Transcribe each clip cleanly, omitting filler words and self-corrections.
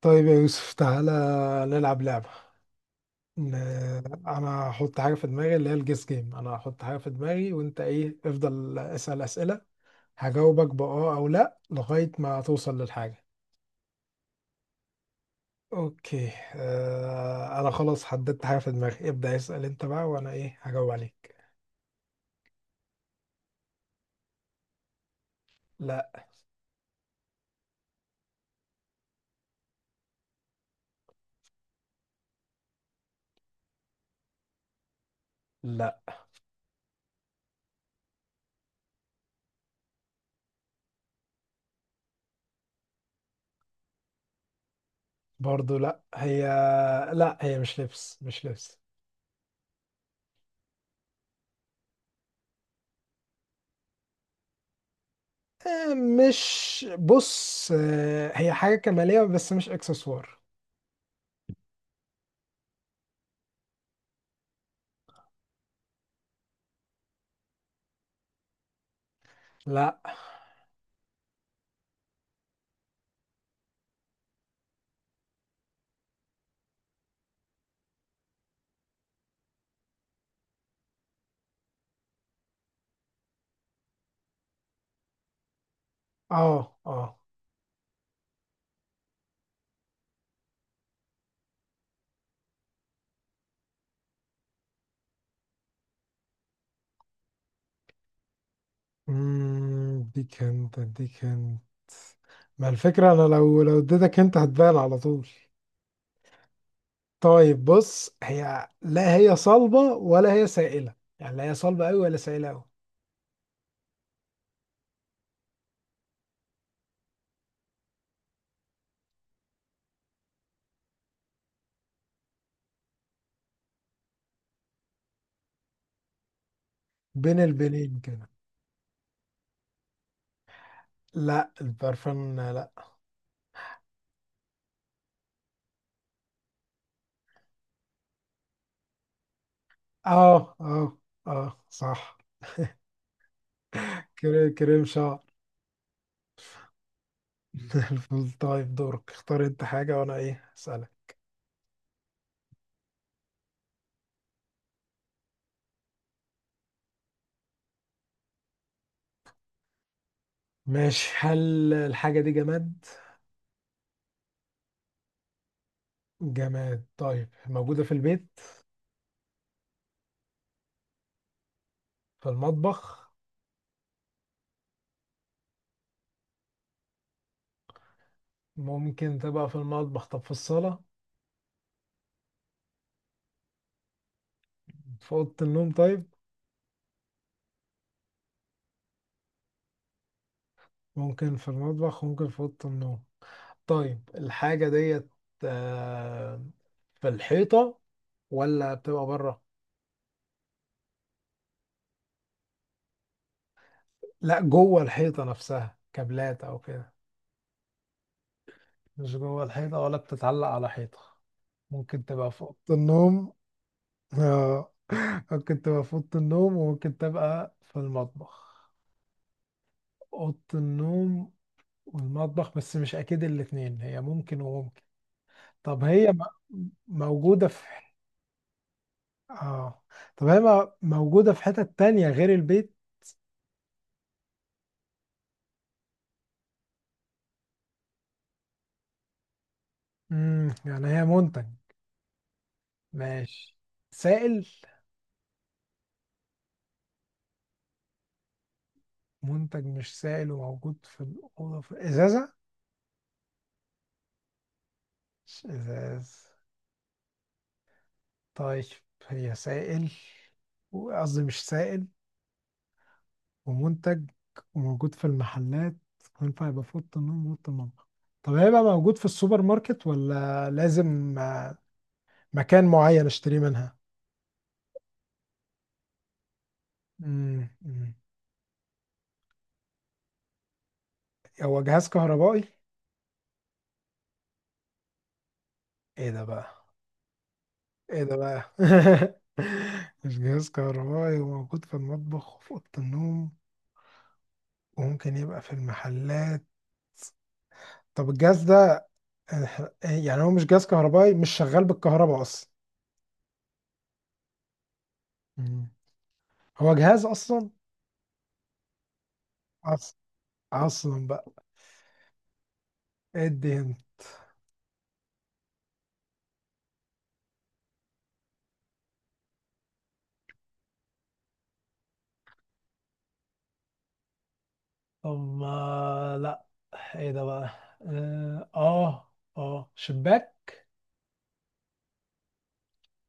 طيب يا يوسف، تعالى نلعب لعبة. ن- أنا هحط حاجة في دماغي اللي هي الجيس جيم. أنا هحط حاجة في دماغي وأنت إيه افضل اسأل أسئلة، هجاوبك بأه أو لأ لغاية ما توصل للحاجة. أوكي. أنا خلاص حددت حاجة في دماغي، ابدأ اسأل أنت بقى وأنا إيه هجاوب عليك. لأ. لأ، برضو لأ. هي لأ، هي مش لبس مش لبس. آه مش بص، آه هي حاجة كمالية بس مش إكسسوار. لأ. اه اه. اديك انت، ما الفكرة انا لو اديتك انت هتبان على طول. طيب بص، هي لا هي صلبة ولا هي سائلة، يعني لا هي صلبة أوي ولا سائلة أوي. بين البنين كده. لا البرفان لا. اه اه. اه صح. كريم شعر. الفل. طيب دورك، اختار انت حاجة وانا ايه اسألك. ماشي، هل الحاجة دي جماد؟ جماد طيب، موجودة في البيت؟ في المطبخ؟ ممكن تبقى في المطبخ، طب في الصالة؟ في أوضة النوم طيب؟ ممكن في المطبخ، ممكن في أوضة النوم. طيب الحاجة ديت، آه، في الحيطة ولا بتبقى بره؟ لا جوه الحيطة نفسها، كابلات أو كده؟ مش جوه الحيطة ولا بتتعلق على حيطة. ممكن تبقى في أوضة النوم. آه، ممكن تبقى في أوضة النوم وممكن تبقى في المطبخ. أوضة النوم والمطبخ، بس مش أكيد الاتنين، هي ممكن وممكن. طب هي موجودة في اه، طب هي موجودة في حتة تانية غير البيت؟ يعني هي منتج. ماشي. سائل؟ منتج مش سائل وموجود في الأوضة في إزازة؟ مش إزاز؟ طيب، هي سائل، قصدي مش سائل، ومنتج، وموجود في المحلات، وينفع يبقى في أوضة النوم وأوضة المطبخ. طب هيبقى موجود في السوبر ماركت ولا لازم مكان معين اشتريه منها؟ مم. مم. هو جهاز كهربائي؟ ايه ده بقى؟ ايه ده بقى؟ مش جهاز كهربائي، وموجود في المطبخ وفي اوضه النوم، وممكن يبقى في المحلات. طب الجهاز ده، يعني هو مش جهاز كهربائي، مش شغال بالكهرباء اصلا؟ مم. هو جهاز اصلا؟ اصلا، اصلا بقى. ادي هنا. طب لا. ايه ده بقى؟ اه اه. آه، شباك؟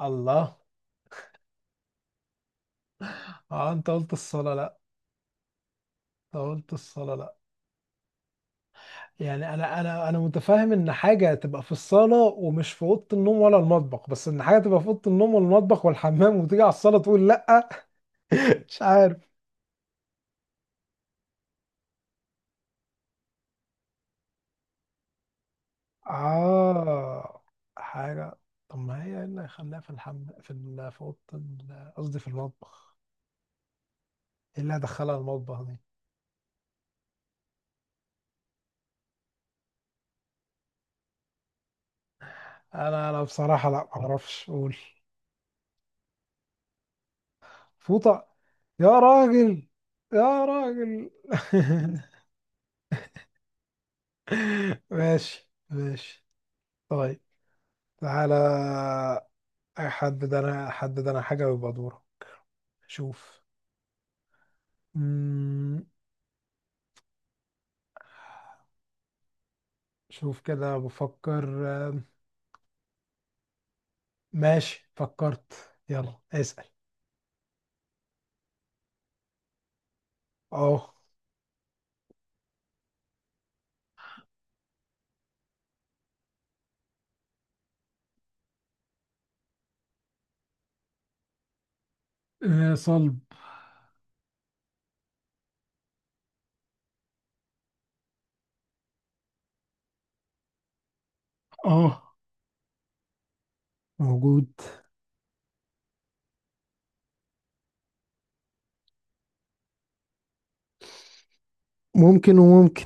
الله. اه انت قلت الصلاة لا، انت قلت الصلاة لا. يعني انا متفاهم ان حاجه تبقى في الصاله ومش في اوضه النوم ولا المطبخ، بس ان حاجه تبقى في اوضه النوم والمطبخ والحمام وتيجي على الصاله تقول لا. مش عارف. اه حاجه. طب ما هي ايه اللي هيخليها في في في اوضه قصدي في المطبخ، ايه اللي هدخلها المطبخ دي؟ انا بصراحه لا، ما اعرفش اقول. فوطه؟ يا راجل، يا راجل. ماشي ماشي. طيب تعالى، حدد. انا حدد انا حاجة ويبقى دورة. شوف. مم. شوف كده بفكر. آه، ماشي فكرت، يلا اسأل. اه. آه صلب. اه موجود. ممكن وممكن.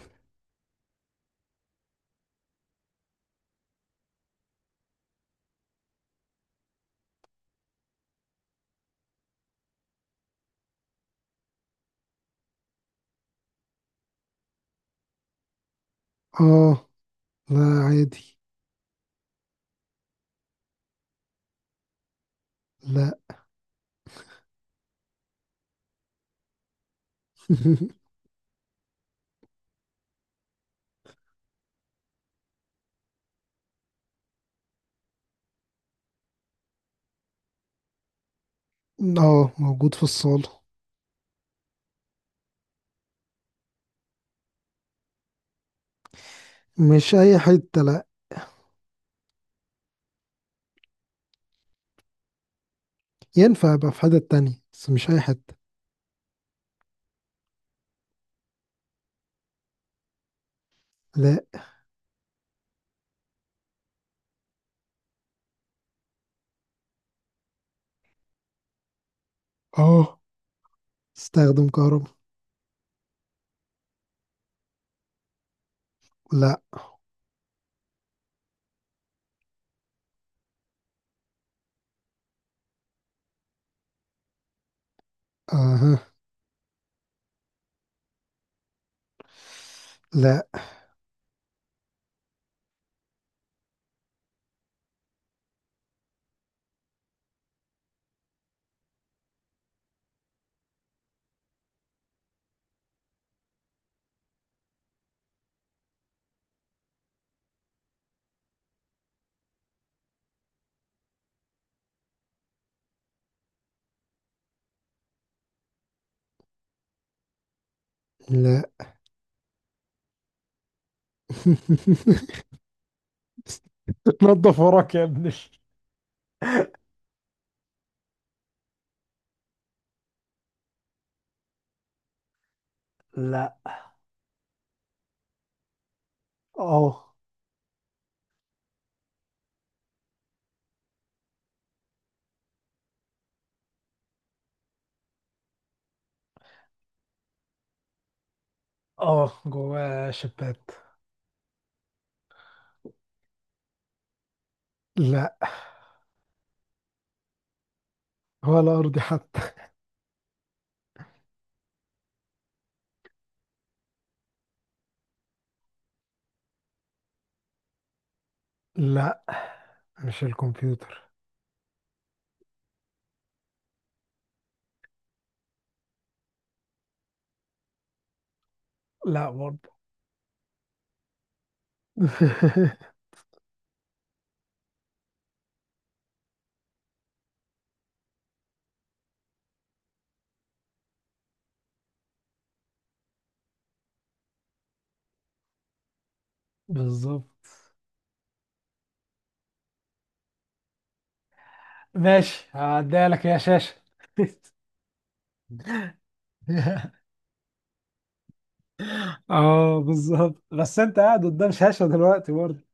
اه. لا عادي. لا. اه، موجود في الصالة. مش أي حتة لا، ينفع يبقى في حتة تانية بس مش أي حتة. لا. اه استخدم كهرباء. لا. اها. لا. لا. تنظف وراك يا ابني. لا. اه اه، جواه شبات. لا. ولا ارضي حتى. لا مش الكمبيوتر. لا برضه. بالظبط. ماشي، هعديها لك يا شاشة. اه بالظبط، بس انت قاعد قدام شاشة دلوقتي برضه.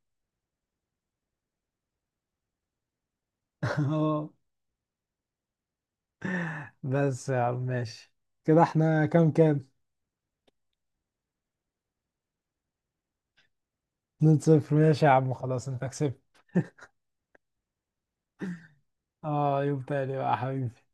اه بس يا عم ماشي، كده احنا كام كام؟ 2 صفر، ماشي يا عم، خلاص انت كسبت. اه يوم تاني بقى يا حبيبي.